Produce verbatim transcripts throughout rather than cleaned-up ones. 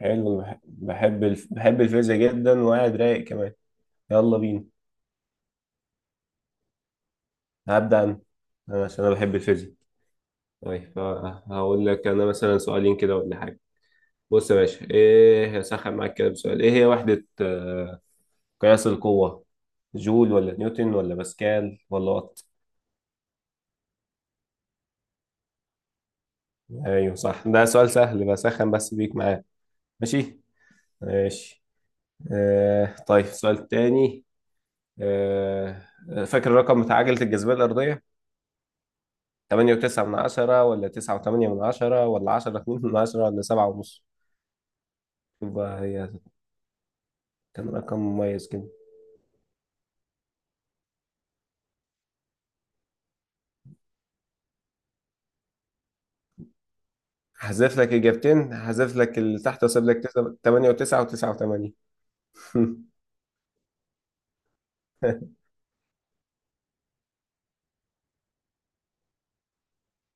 حلو بح- بحب الف... بحب الفيزياء جدا وقاعد رايق كمان. يلا بينا. هبدأ أنا. أنا عشان أنا بحب الفيزياء. طيب ه- هقول لك أنا مثلا سؤالين كده ولا حاجة. بص يا باشا، إيه هسخن معاك كده بسؤال، إيه هي وحدة آه، قياس القوة؟ جول ولا نيوتن ولا باسكال ولا وات؟ أيوه صح، ده سؤال سهل بسخن بس بيك معاه. ماشي ماشي. آه طيب سؤال تاني. آه فاكر الرقم بتاع عجلة الجاذبية الأرضية؟ تمانية وتسعة من عشرة ولا تسعة وتمانية من عشرة ولا عشرة اتنين من عشرة ولا سبعة ونص؟ شوف بقى، هي كان رقم مميز كده. هحذف لك إجابتين، هحذف لك اللي تحت وأسيب لك تسعة- تمانية وتسعة وتسعة وتمانية.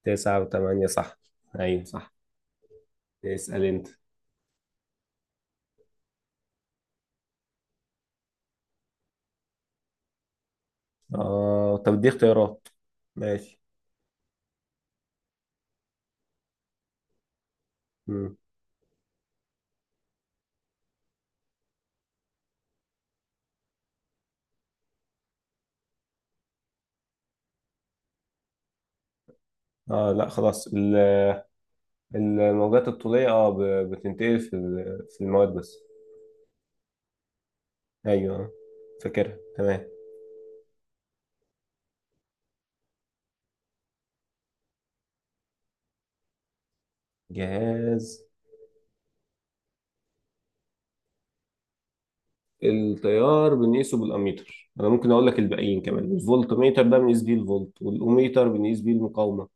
تسعة وتمانية صح، أيوة صح. اسأل أنت. آه طب دي اختيارات؟ ماشي. مم. آه لا خلاص، ال- الموجات الطولية آه ب- بتنتقل في ال- في المواد بس. أيوة، فاكرها تمام. جهاز. التيار بنقيسه بالاميتر، انا ممكن اقول لك الباقيين كمان، الفولت ميتر ده بنقيس بيه الفولت، والاوميتر بنقيس بيه المقاومه،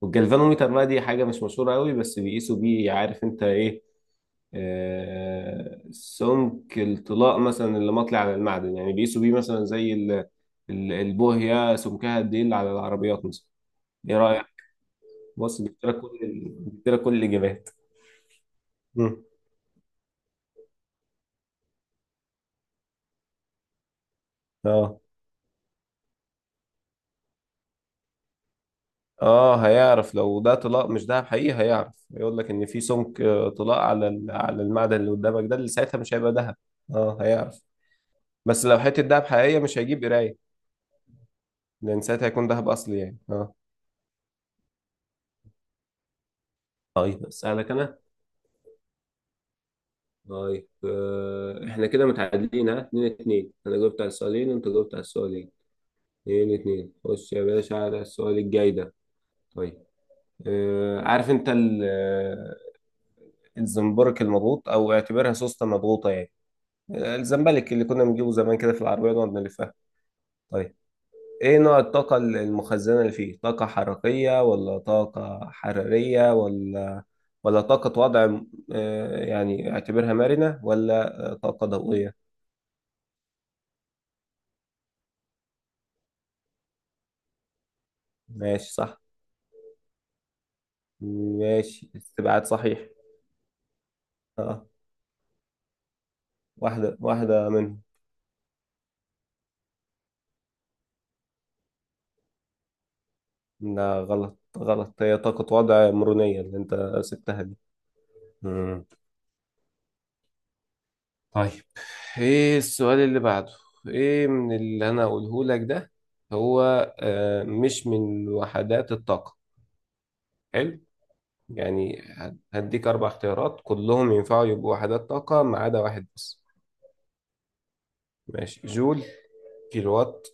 والجلفانوميتر بقى دي حاجه مش مشهوره قوي، بس بيقيسوا بيه، عارف انت ايه؟ آه سمك الطلاء مثلا اللي مطلع على المعدن، يعني بيقيسوا بيه مثلا زي ال- ال- البوهيه سمكها قد ايه اللي على العربيات مثلا. ايه رايك؟ بص جبت لك كل ال- جبت لك كل الاجابات. مم. اه اه هيعرف لو ده طلاق مش دهب حقيقي، هيعرف، هيقول لك ان في سمك آه، طلاق على ال- على المعدن اللي قدامك ده، اللي ساعتها مش هيبقى دهب. اه هيعرف. بس لو حته دهب حقيقيه مش هيجيب قرايه، لان ساعتها هيكون دهب اصلي يعني، اه. طيب اسالك انا. طيب آه، احنا كده متعادلين ها اتنين اتنين، انا جاوبت على السؤالين وانت جاوبت على السؤالين. اتنين اتنين، خش يا باشا على السؤال الجاي ده. طيب آه، عارف انت ال- آه، الزنبرك المضغوط، او اعتبرها سوسته مضغوطه يعني، الزمبلك اللي كنا بنجيبه زمان كده في العربية نقعد نلفها. طيب ايه نوع الطاقة المخزنة اللي فيه؟ طاقة حركية ولا طاقة حرارية ولا ولا طاقة وضع آه، يعني اعتبرها مرنة، ولا آه، طاقة ضوئية؟ ماشي صح. ماشي استبعاد صحيح. اه. واحدة واحدة منهم. لا غلط غلط، هي طاقة وضع مرونية اللي انت سبتها دي. مم. طيب ايه السؤال اللي بعده؟ ايه من اللي انا اقوله لك ده، هو آه، مش من وحدات الطاقة؟ حلو. يعني هد- هديك اربع اختيارات كلهم ينفعوا يبقوا وحدات طاقة ما عدا واحد بس. ماشي. جول، كيلووات،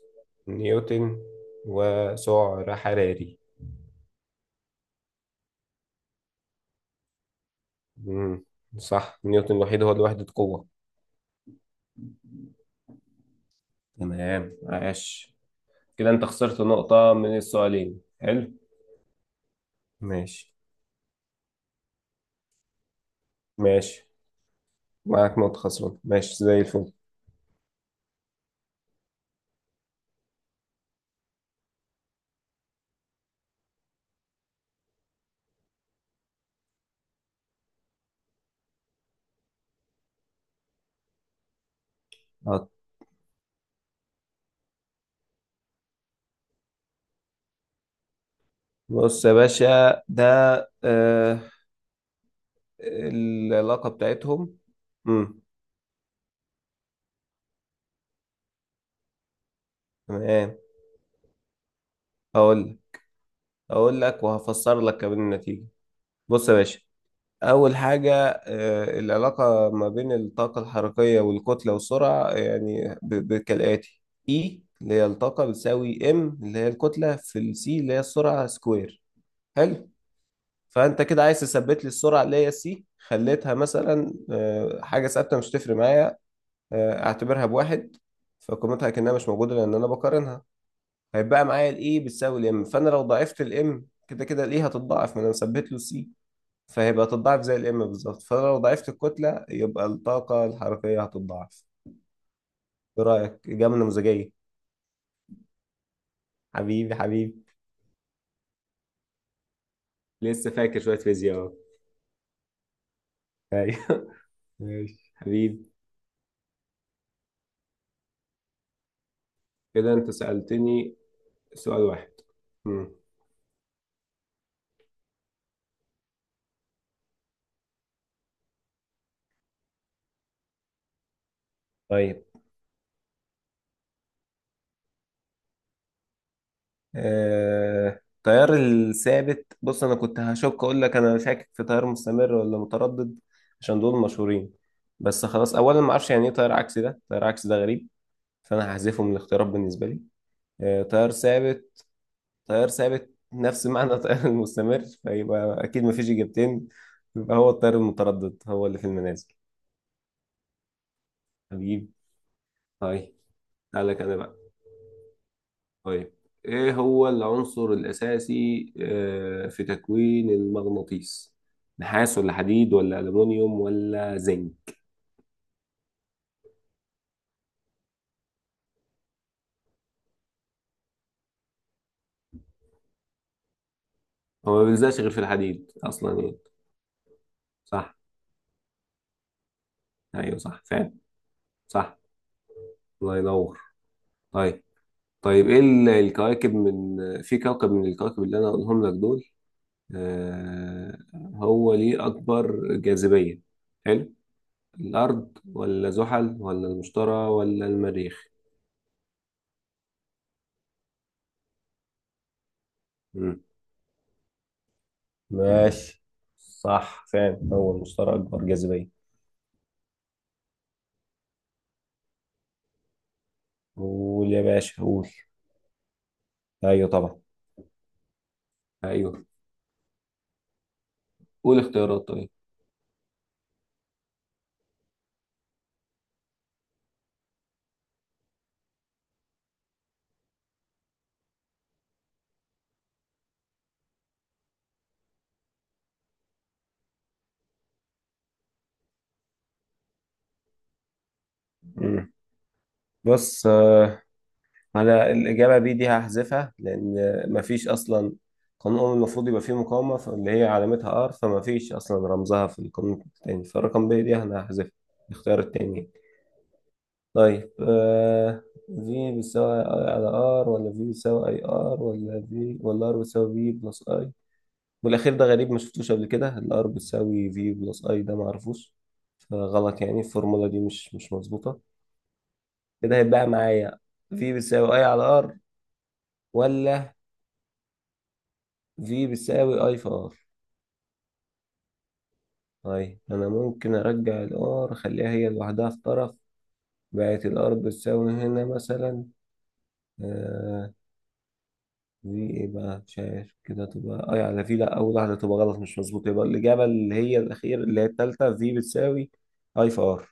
نيوتن، وسعر حراري. مم. صح، نيوتن الوحيد هو لوحدة قوة. تمام عاش. كده انت خسرت نقطة من السؤالين، حلو. ماشي. ماشي، معاك نقطة خسران، ماشي زي الفل. هات. بص يا باشا ده، آه، العلاقة بتاعتهم. امم. تمام. هقول لك هقول لك وهفسر لك كمان النتيجة. بص يا باشا، أول حاجة، آه، العلاقة ما بين الطاقة الحركية والكتلة والسرعة، يعني ب- ب- كالآتي: E اللي هي الطاقة بتساوي M اللي هي الكتلة في السي اللي هي السرعة سكوير. حلو. فانت كده عايز تثبت لي السرعه اللي هي سي، خليتها مثلا آه، حاجه ثابته مش تفرق معايا، آه، اعتبرها بواحد، فقيمتها كانها مش موجوده لان انا بقارنها. هيبقى معايا الاي بتساوي الام، فانا لو ضعفت الام كده كده الاي هتتضاعف ما انا مثبت له سي. فهيبقى تتضاعف زي الام بالظبط، فانا لو ضعفت الكتله يبقى الطاقه الحركيه هتتضاعف. ايه رايك؟ اجابه نموذجيه. حبيبي حبيبي. لسه فاكر شويه فيزياء اهو. ايوه ماشي حبيبي. كده انت سالتني سؤال واحد. مم. طيب آه، التيار الثابت، بص انا كنت هشك، اقول لك انا شاكك في تيار مستمر ولا متردد، عشان دول مشهورين. بس خلاص، اولا ما اعرفش يعني ايه تيار عكسي، ده تيار عكسي ده غريب، فانا هحذفه من الاختيارات بالنسبه لي. آه، تيار ثابت، تيار ثابت نفس معنى التيار المستمر، فيبقى اكيد ما فيش اجابتين، يبقى هو التيار المتردد هو اللي في المنازل. هجيب. طيب. تعالى لك انا بقى. طيب ايه هو العنصر الاساسي آه، في تكوين المغناطيس؟ نحاس ولا حديد ولا الومنيوم ولا زنك؟ هو ما بيلزقش غير في الحديد اصلا يعني. صح. ايوه صح فعلا. صح. الله ينور. طيب. طيب ايه ال- الكواكب من آه، في كوكب من الكواكب اللي انا اقولهم لك دول، آه، هو ليه اكبر جاذبية؟ حلو. الارض ولا زحل ولا المشتري ولا المريخ؟ ماشي. صح فعلا، هو المشترى أكبر جاذبية. قول يا باشا قول. أيوه طبعا. ايوه. قول اختيارات طيب. مم. بص آه، أنا الإجابة بي دي هحذفها، لأن آه، مفيش أصلا قانون أول المفروض يبقى فيه مقاومة، ف- اللي هي علامتها آر، فمفيش أصلا رمزها في القانون التاني، فالرقم بي دي أنا هحذفها، الاختيار التاني يعني. طيب آه، في بيساوي أي على آر ولا في بيساوي أي آر ولا في ولا آر بيساوي في بلس اي، والاخير ده غريب ما شفتوش قبل كده، الار بتساوي في بلس اي، ده ما اعرفوش، فغلط، يعني الفورمولا دي مش مش مظبوطه. كده هيتبقى معايا في بتساوي اي على ار، ولا في بتساوي اي في ار. طيب انا ممكن ارجع الار اخليها هي لوحدها في طرف، بقت الار بتساوي هنا مثلا، آه، في ايه بقى مش عارف، كده تبقى اي على في، لا اول واحده تبقى غلط مش مظبوطه، يبقى الاجابه اللي هي الاخير اللي هي التالته، في بتساوي اي في ار.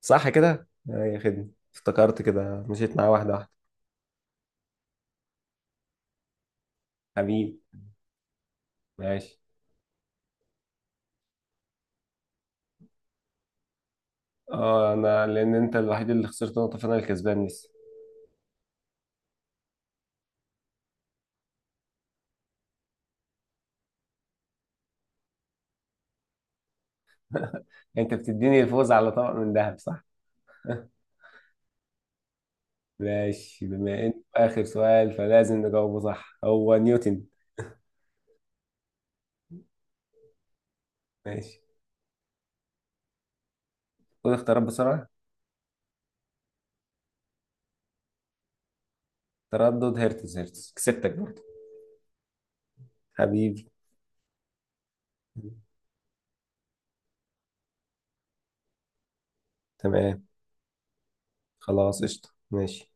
صح كده آه، يا خدمة، افتكرت كده مشيت معاه واحدة واحدة. حبيبي. ماشي. اه انا، لان انت الوحيد اللي خسرت نقطة فانا الكسبان لسه. انت بتديني الفوز على طبق من ذهب، صح؟ ماشي، بما ان اخر سؤال فلازم نجاوبه، صح، هو نيوتن. ماشي. خد اختيارات بسرعة. تردد، هرتز، هرتز كسبتك برضه. حبيبي. تمام خلاص، قشطة ماشي.